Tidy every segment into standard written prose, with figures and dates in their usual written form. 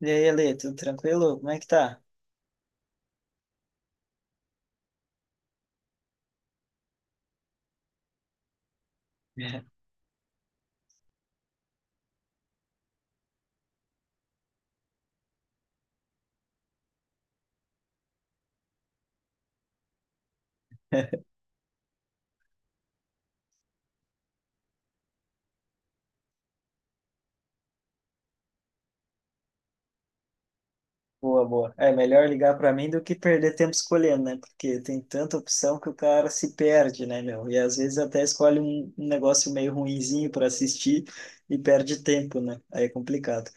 E aí, Alê, tudo tranquilo? Como é que tá? Boa, boa. É melhor ligar para mim do que perder tempo escolhendo, né? Porque tem tanta opção que o cara se perde, né, meu? E às vezes até escolhe um negócio meio ruinzinho para assistir e perde tempo, né? Aí é complicado.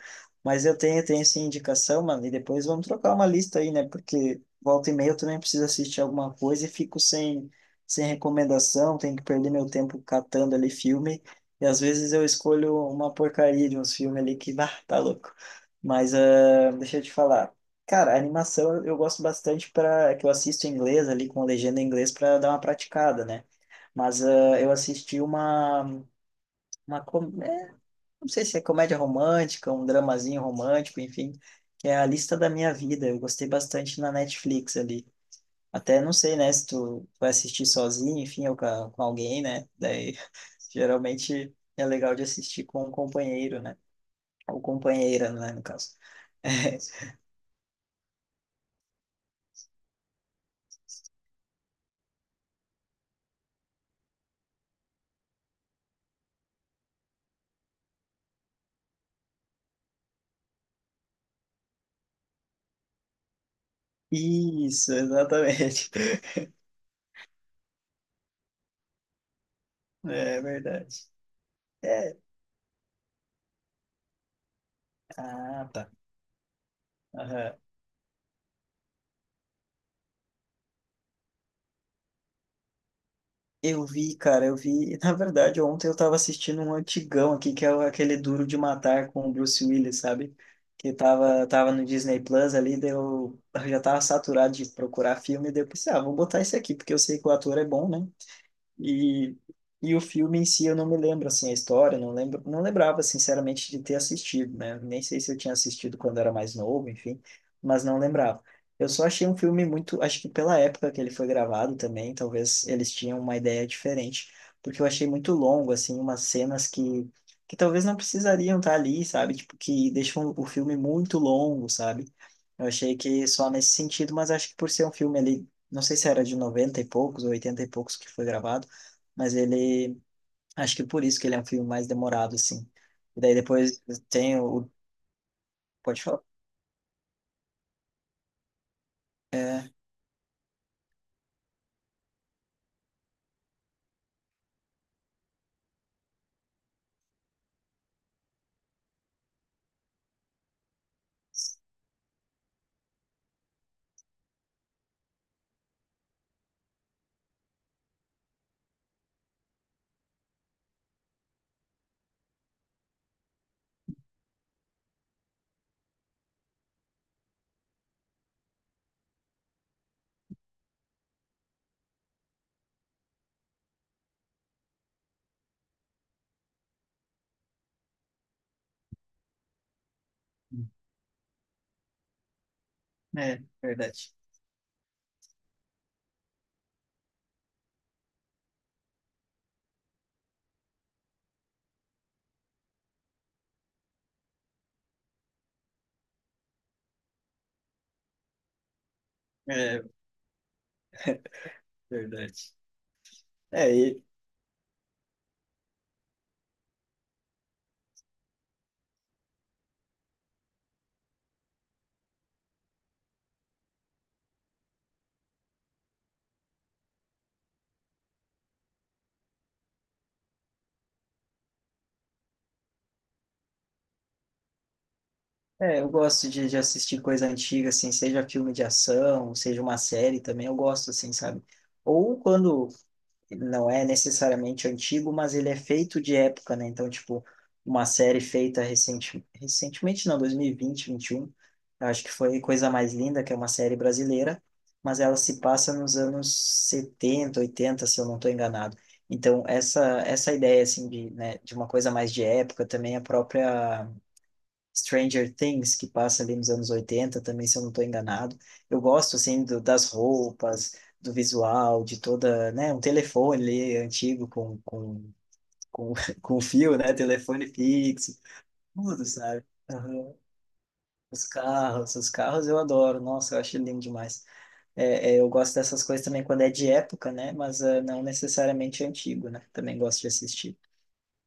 Mas eu tenho, tenho essa indicação, mano, e depois vamos trocar uma lista aí, né? Porque volta e meia eu também preciso assistir alguma coisa e fico sem, sem recomendação, tenho que perder meu tempo catando ali filme. E às vezes eu escolho uma porcaria de uns filmes ali que, bah, tá louco. Mas deixa eu te falar. Cara, a animação eu gosto bastante para que eu assisto em inglês ali com a legenda em inglês para dar uma praticada, né? Mas eu assisti uma não sei se é comédia romântica, um dramazinho romântico, enfim, que é A Lista da Minha Vida. Eu gostei bastante na Netflix ali. Até não sei, né, se tu vai assistir sozinho, enfim, ou com, a- com alguém, né? Daí geralmente é legal de assistir com um companheiro, né? Ou companheira, né, no caso. Isso, exatamente. É verdade. É. Ah, tá. Aham. Eu vi, cara, eu vi. Na verdade, ontem eu tava assistindo um antigão aqui, que é o- aquele Duro de Matar com o Bruce Willis, sabe? Que tava, tava no Disney Plus ali, daí eu já tava saturado de procurar filme, daí eu pensei, ah, vou botar esse aqui, porque eu sei que o ator é bom, né? E, e o filme em si eu não me lembro assim a história, não lembro, não lembrava sinceramente de ter assistido, né? Nem sei se eu tinha assistido quando era mais novo, enfim, mas não lembrava. Eu só achei um filme muito, acho que pela época que ele foi gravado também, talvez eles tinham uma ideia diferente, porque eu achei muito longo assim, umas cenas que talvez não precisariam estar ali, sabe? Tipo que deixam o filme muito longo, sabe? Eu achei que só nesse sentido, mas acho que por ser um filme ali, não sei se era de 90 e poucos ou 80 e poucos que foi gravado, mas ele, acho que por isso que ele é um filme mais demorado, assim. E daí depois tem o, pode falar? É, verdade. É, verdade. É, e, é, eu gosto de assistir coisa antiga, assim, seja filme de ação, seja uma série também, eu gosto, assim, sabe? Ou quando ele não é necessariamente antigo, mas ele é feito de época, né? Então, tipo, uma série feita recente, recentemente, não, 2020, 2021, eu acho que foi Coisa Mais Linda, que é uma série brasileira, mas ela se passa nos anos 70 80 se eu não estou enganado. Então, essa ideia, assim, de, né, de uma coisa mais de época, também a própria Stranger Things, que passa ali nos anos 80, também, se eu não estou enganado. Eu gosto, assim, do, das roupas, do visual, de toda, né, um telefone ali antigo com, com fio, né, telefone fixo, tudo, sabe? Aham. Os carros eu adoro, nossa, eu acho lindo demais. É, é, eu gosto dessas coisas também quando é de época, né, mas não necessariamente antigo, né, também gosto de assistir.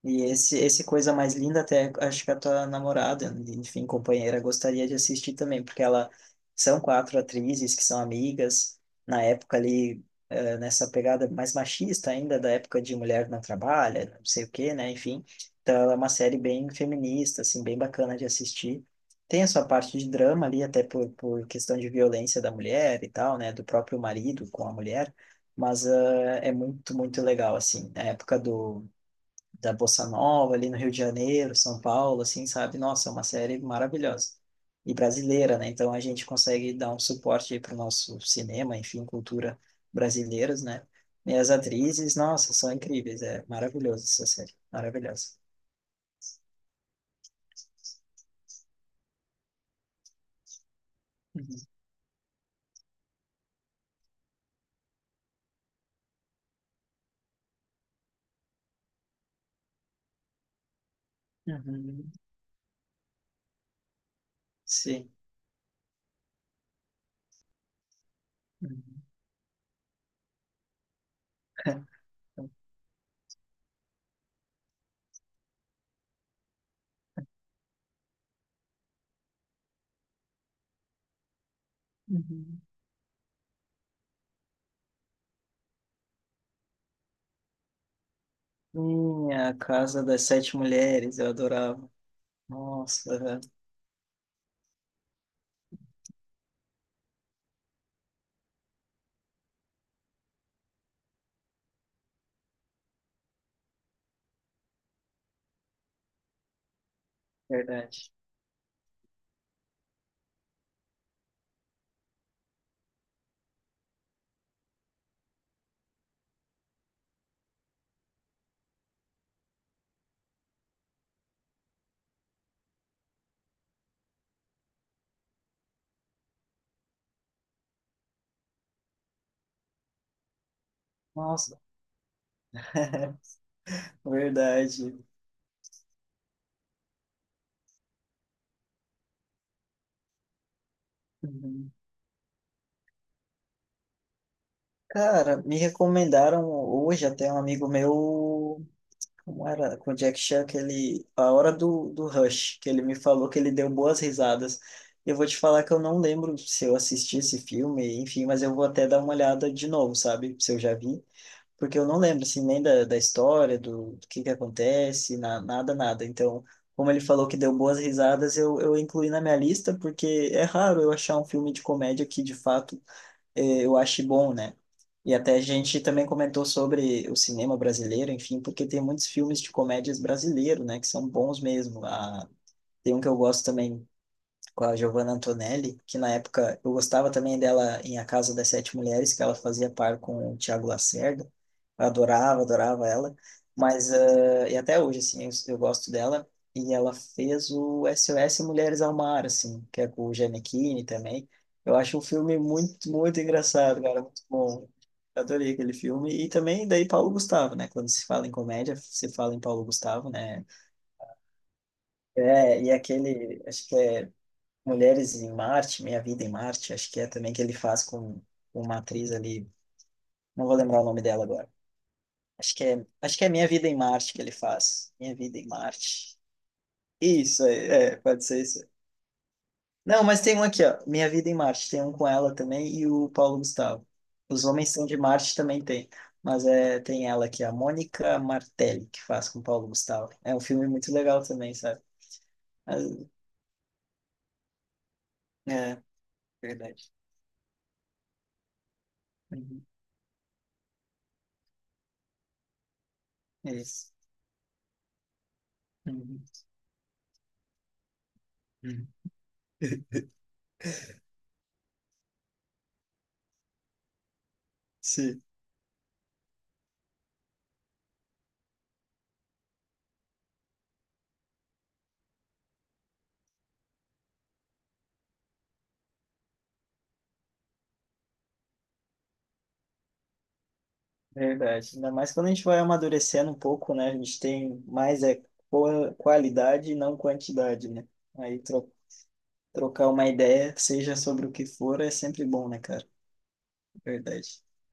E esse Coisa Mais Linda, até acho que a tua namorada, enfim, companheira, gostaria de assistir também, porque ela são quatro atrizes que são amigas, na época ali, nessa pegada mais machista ainda, da época de Mulher Não Trabalha, não sei o quê, né, enfim. Então ela é uma série bem feminista, assim, bem bacana de assistir. Tem a sua parte de drama ali, até por questão de violência da mulher e tal, né, do próprio marido com a mulher, mas é muito, muito legal, assim, a época do da Bossa Nova ali no Rio de Janeiro, São Paulo, assim, sabe? Nossa, é uma série maravilhosa. E brasileira, né? Então a gente consegue dar um suporte para o nosso cinema, enfim, cultura brasileiras, né? E as atrizes, nossa, são incríveis. É maravilhosa essa série. Maravilhosa. Uhum. Uhum. Sim. Uhum. Uhum. Sim, a Casa das Sete Mulheres, eu adorava. Nossa, é verdade. Nossa, verdade. Uhum. Cara, me recomendaram hoje até um amigo meu, como era, com o Jack Chan, que ele, a hora do, do Rush, que ele me falou que ele deu boas risadas. Eu vou te falar que eu não lembro se eu assisti esse filme, enfim, mas eu vou até dar uma olhada de novo, sabe? Se eu já vi, porque eu não lembro, assim, nem da, da história, do, do que acontece, na, nada, nada. Então, como ele falou que deu boas risadas, eu incluí na minha lista, porque é raro eu achar um filme de comédia que, de fato, eu acho bom, né? E até a gente também comentou sobre o cinema brasileiro, enfim, porque tem muitos filmes de comédias brasileiro, né, que são bons mesmo. Ah, tem um que eu gosto também com a Giovanna Antonelli, que na época eu gostava também dela em A Casa das Sete Mulheres, que ela fazia par com o Tiago Lacerda. Eu adorava, adorava ela. Mas, e até hoje, assim, eu gosto dela. E ela fez o SOS Mulheres ao Mar, assim, que é com o Gianecchini também. Eu acho um filme muito, muito engraçado, cara, muito bom. Eu Adorei aquele filme. E também daí Paulo Gustavo, né? Quando se fala em comédia, se fala em Paulo Gustavo, né? É, e aquele, acho que é Mulheres em Marte, Minha Vida em Marte, acho que é também que ele faz com uma atriz ali, não vou lembrar o nome dela agora. Acho que é Minha Vida em Marte que ele faz. Minha Vida em Marte. Isso, é, é, pode ser isso. Não, mas tem um aqui, ó, Minha Vida em Marte, tem um com ela também e o Paulo Gustavo. Os Homens São de Marte também tem, mas é, tem ela aqui, a Mônica Martelli, que faz com o Paulo Gustavo. É um filme muito legal também, sabe? Mas, é, verdade. Uhum, é isso. Uhum, uhum. Sim. Verdade. Ainda mais quando a gente vai amadurecendo um pouco, né? A gente tem mais é qua- qualidade e não quantidade, né? Aí tro trocar uma ideia, seja sobre o que for, é sempre bom, né, cara? Verdade.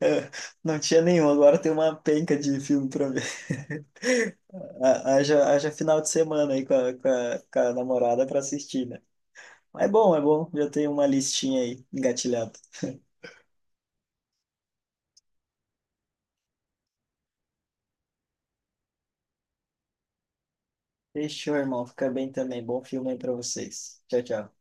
É, não tinha nenhum, agora tem uma penca de filme pra ver. Ha- Haja, haja final de semana aí com a, com a, com a namorada pra assistir, né? Mas é bom, é bom. Já tem uma listinha aí engatilhada. Fechou, irmão. Fica bem também. Bom filme aí pra vocês. Tchau, tchau.